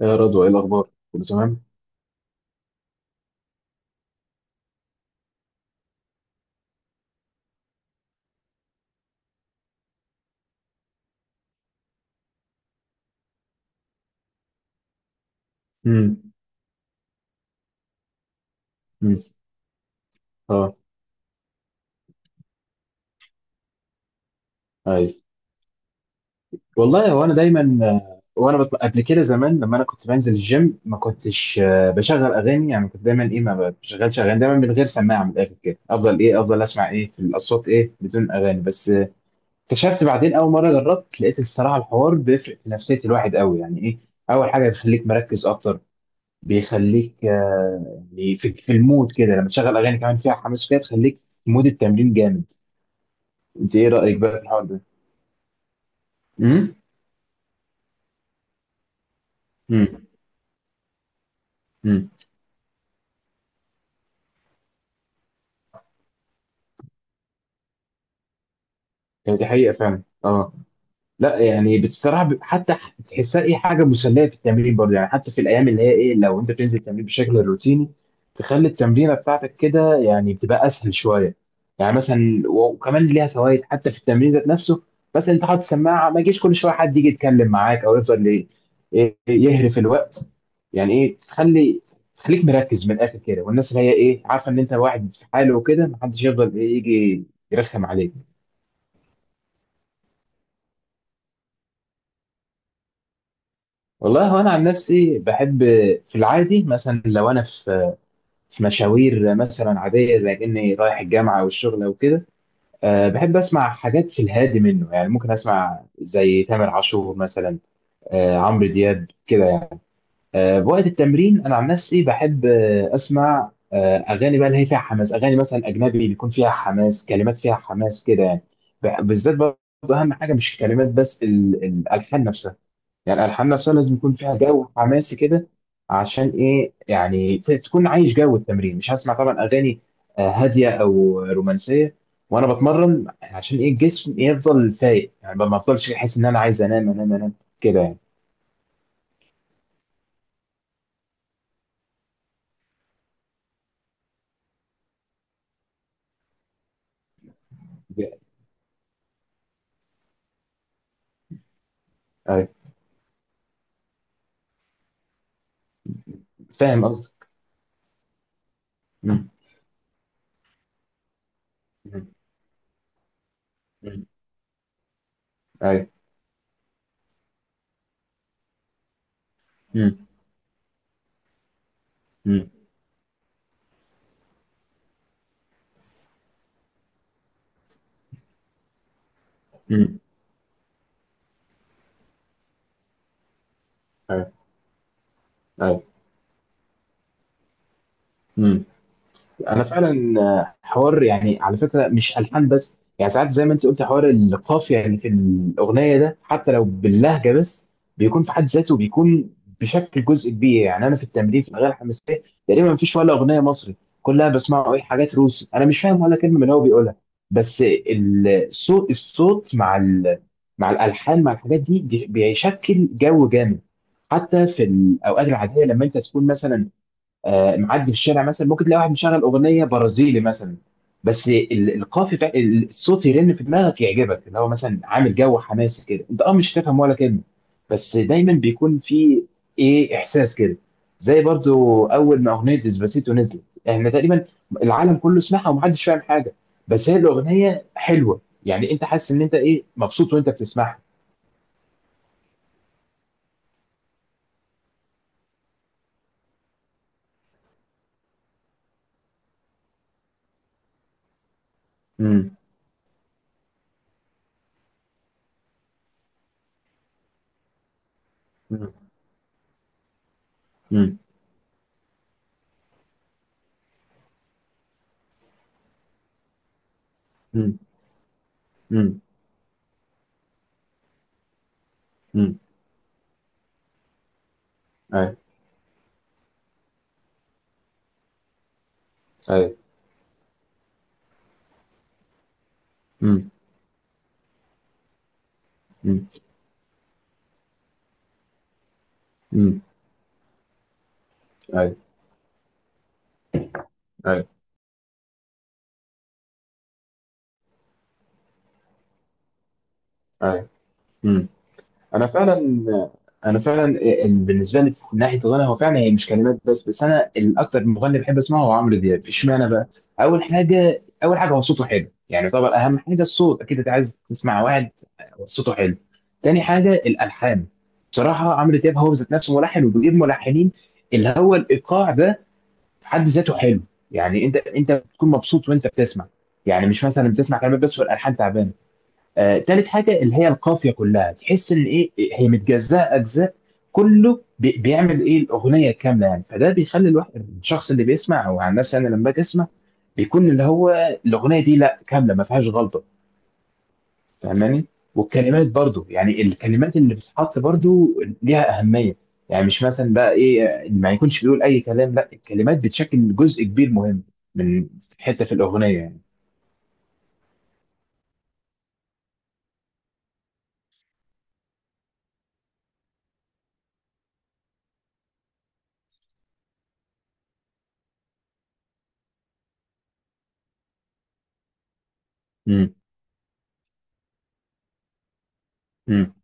يا رضوى، ايه الاخبار؟ كله تمام؟ امم. امم. اه. اي. والله وانا دايما قبل كده زمان لما انا كنت بنزل الجيم ما كنتش بشغل اغاني، يعني كنت دايما ايه ما بشغلش اغاني، دايما من غير سماعه، من الاخر كده افضل ايه افضل اسمع ايه في الاصوات ايه بدون اغاني بس اكتشفت بعدين اول مره جربت لقيت الصراحه الحوار بيفرق في نفسيه الواحد قوي، يعني ايه؟ اول حاجه بيخليك مركز اكتر. بيخليك، يعني في المود كده، لما تشغل اغاني كمان فيها حماس وكده تخليك في مود التمرين جامد. انت ايه رأيك بقى في الحوار ده؟ امم. امم. امم. يعني دي حقيقة فعلا، اه. لا يعني بصراحه حتى تحسها ايه حاجه مسليه في التمرين برضه، يعني حتى في الايام اللي هي ايه لو انت بتنزل التمرين بشكل روتيني تخلي التمرينه بتاعتك كده يعني تبقى اسهل شويه. يعني مثلا وكمان ليها فوائد حتى في التمرين ذات نفسه. بس انت حاطط سماعه ما يجيش كل شويه حد يجي يتكلم معاك، او يفضل إيه يهرف الوقت. يعني ايه تخلي، تخليك مركز من الاخر كده، والناس اللي هي ايه عارفه ان انت واحد في حاله وكده ما حدش يفضل ايه يجي يرخم عليك. والله هو انا عن نفسي بحب، في العادي مثلا لو انا في مشاوير مثلا عاديه زي اني رايح الجامعه والشغل وكده، أه بحب اسمع حاجات في الهادي منه، يعني ممكن اسمع زي تامر عاشور مثلا، أه عمرو دياب كده يعني. أه بوقت التمرين انا عن نفسي بحب اسمع اغاني بقى اللي هي فيها حماس، اغاني مثلا اجنبي بيكون فيها حماس، كلمات فيها حماس كده يعني. بالذات برضه اهم حاجه مش الكلمات بس الالحان نفسها، يعني الالحان نفسها لازم يكون فيها جو حماسي كده. عشان ايه يعني تكون عايش جو التمرين، مش هسمع طبعا اغاني هاديه او رومانسيه وانا بتمرن، عشان ايه الجسم يفضل فايق، يعني ما افضلش احس ان انا عايز انام انام انام، كده يعني. ج- أيوة. فاهم قصدك. مم. مم. مم. ايوه. مم. مم. مم. ايوه. ايوه. مم. انا فعلا حوار يعني على فكره مش الحان بس، يعني ساعات زي ما انت قلت، حوار القافيه اللي في الاغنيه ده حتى لو باللهجه بس بيكون في حد ذاته، بيكون بشكل جزء كبير. يعني انا في التمرين في الاغاني الحماسيه تقريبا مفيش ولا اغنيه مصري، كلها بسمعه اي حاجات روسي، انا مش فاهم ولا كلمه من اللي هو بيقولها. بس الصوت الصوت مع الالحان، مع الحاجات دي بيشكل جو جامد. حتى في الاوقات العاديه لما انت تكون مثلا معدي في الشارع مثلا ممكن تلاقي واحد مشغل اغنيه برازيلي مثلا، بس القافي بتاع الصوت يرن في دماغك، يعجبك اللي هو مثلا عامل جو حماسي كده، انت مش هتفهم ولا كلمه. بس دايما بيكون في ايه احساس كده، زي برضو اول ما اغنيه ديسباسيتو نزلت احنا تقريبا، العالم كله سمعها ومحدش فاهم حاجه، بس هي الاغنيه حلوه، يعني انت حاسس ان انت ايه مبسوط وانت بتسمعها. امم. امم. امم. امم. امم. امم. ايوه. ايوه. امم. امم. امم. ايوه. أيوه. أيوه. إمم. أنا فعلًا أنا فعلًا بالنسبة لي من ناحية الغنا، هو فعلًا هي مش كلمات بس، أنا الأكتر مغني باحب أسمعه هو عمرو دياب، إشمعنى بقى؟ أول حاجة هو صوته حلو، يعني طبعًا أهم حاجة الصوت، أكيد أنت عايز تسمع واحد صوته حلو. تاني حاجة الألحان، بصراحة عمرو دياب هو ذات نفسه ملحن وبيجيب ملحنين، اللي هو الإيقاع ده في حد ذاته حلو، يعني أنت بتكون مبسوط وأنت بتسمع، يعني مش مثلًا بتسمع كلمات بس والألحان تعبانة. تالت حاجة اللي هي القافية، كلها تحس إن إيه هي متجزأة أجزاء، كله بيعمل إيه الأغنية كاملة، يعني فده بيخلي الواحد الشخص اللي بيسمع أو عن نفسي أنا لما باجي أسمع بيكون اللي هو الأغنية دي لأ كاملة ما فيهاش غلطة، فاهماني؟ والكلمات برضو، يعني الكلمات اللي بتتحط برضو ليها أهمية، يعني مش مثلا بقى إيه ما يكونش بيقول أي كلام، لأ الكلمات بتشكل جزء كبير مهم من حتة في الأغنية يعني. امم. امم.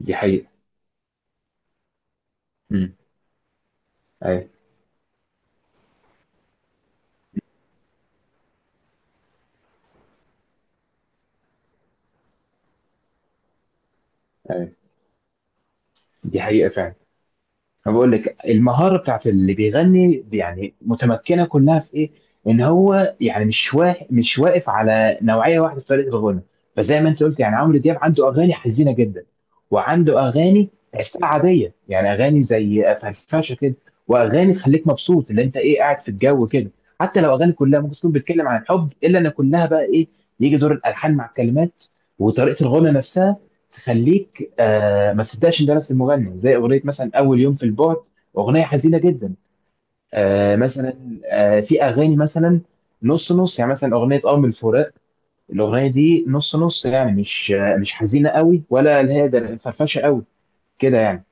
دي حقيقة. امم. أيوه. أيوه. دي حقيقة فعلا. أنا بقول لك المهاره بتاعت اللي بيغني يعني متمكنه كلها في ايه؟ ان هو يعني مش واقف على نوعيه واحده في طريقه الغنى. فزي ما انت قلت، يعني عمرو دياب عنده اغاني حزينه جدا، وعنده اغاني تحسها عاديه، يعني اغاني زي فرفشه كده، واغاني تخليك مبسوط اللي انت ايه قاعد في الجو كده. حتى لو اغاني كلها ممكن تكون بتتكلم عن الحب الا ان كلها بقى ايه، يجي دور الالحان مع الكلمات وطريقه الغنى نفسها تخليك ما تصدقش ان ده نفس المغني، زي اغنيه مثلا اول يوم في البعد، اغنيه حزينه جدا. مثلا في اغاني مثلا نص نص، يعني مثلا اغنيه من الفراق، الاغنيه دي نص نص يعني مش مش حزينه قوي ولا اللي هي فرفشه قوي كده يعني.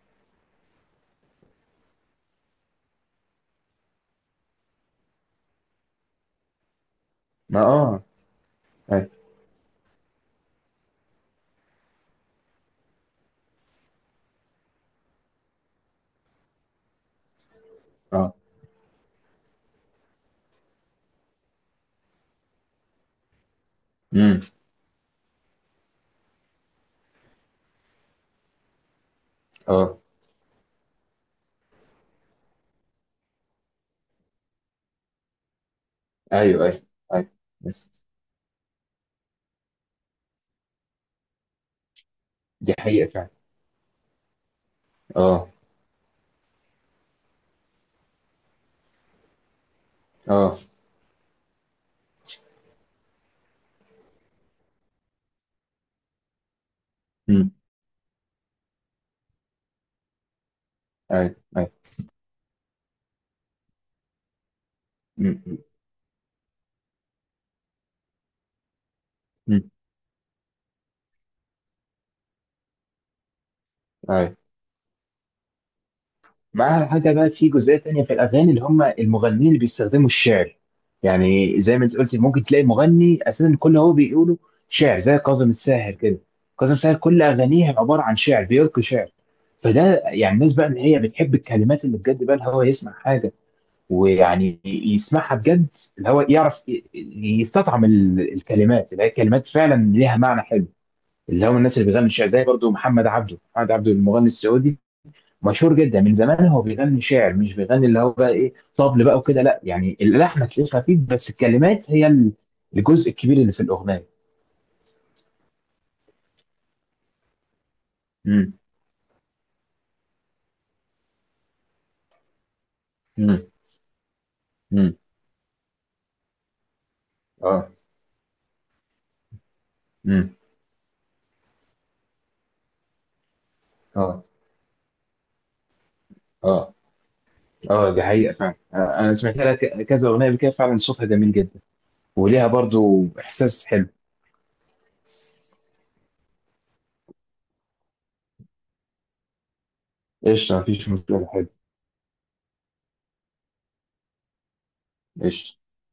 ما أيوة. اه. امم. اه. ايوه. ايوه. ايوه. بس دي حقيقه فعلا. اه. اه. امم. ايوه. ايوه. امم. أمم. أيوة. مع حاجة بقى في جزئية تانية في الأغاني اللي هم المغنيين اللي بيستخدموا الشعر، يعني زي ما انت قلت ممكن تلاقي مغني أساسا كل هو بيقوله شعر، زي كاظم الساهر كده، كاظم الساهر كل أغانيه عبارة عن شعر بيلقي شعر. فده يعني الناس بقى اللي هي بتحب الكلمات اللي بجد بقى اللي هو يسمع حاجة ويعني يسمعها بجد، اللي هو يعرف يستطعم الكلمات اللي هي كلمات فعلا ليها معنى حلو، اللي هم الناس اللي بيغنوا الشعر، زي برضو محمد عبده، محمد عبده المغني السعودي، مشهور جدا من زمان، هو بيغني شعر مش بيغني اللي هو بقى ايه طبل بقى وكده، لا يعني اللحن هتلاقيه خفيف، بس الكلمات هي الجزء الكبير اللي في الاغنيه. امم. امم. امم. اه. امم. اه. اه. اه. دي حقيقه فعلا. انا سمعت لها كذا اغنيه قبل كده فعلا، صوتها جميل جدا وليها برضو احساس حلو. قشطه، مفيش مشكله، حلو. قشطه.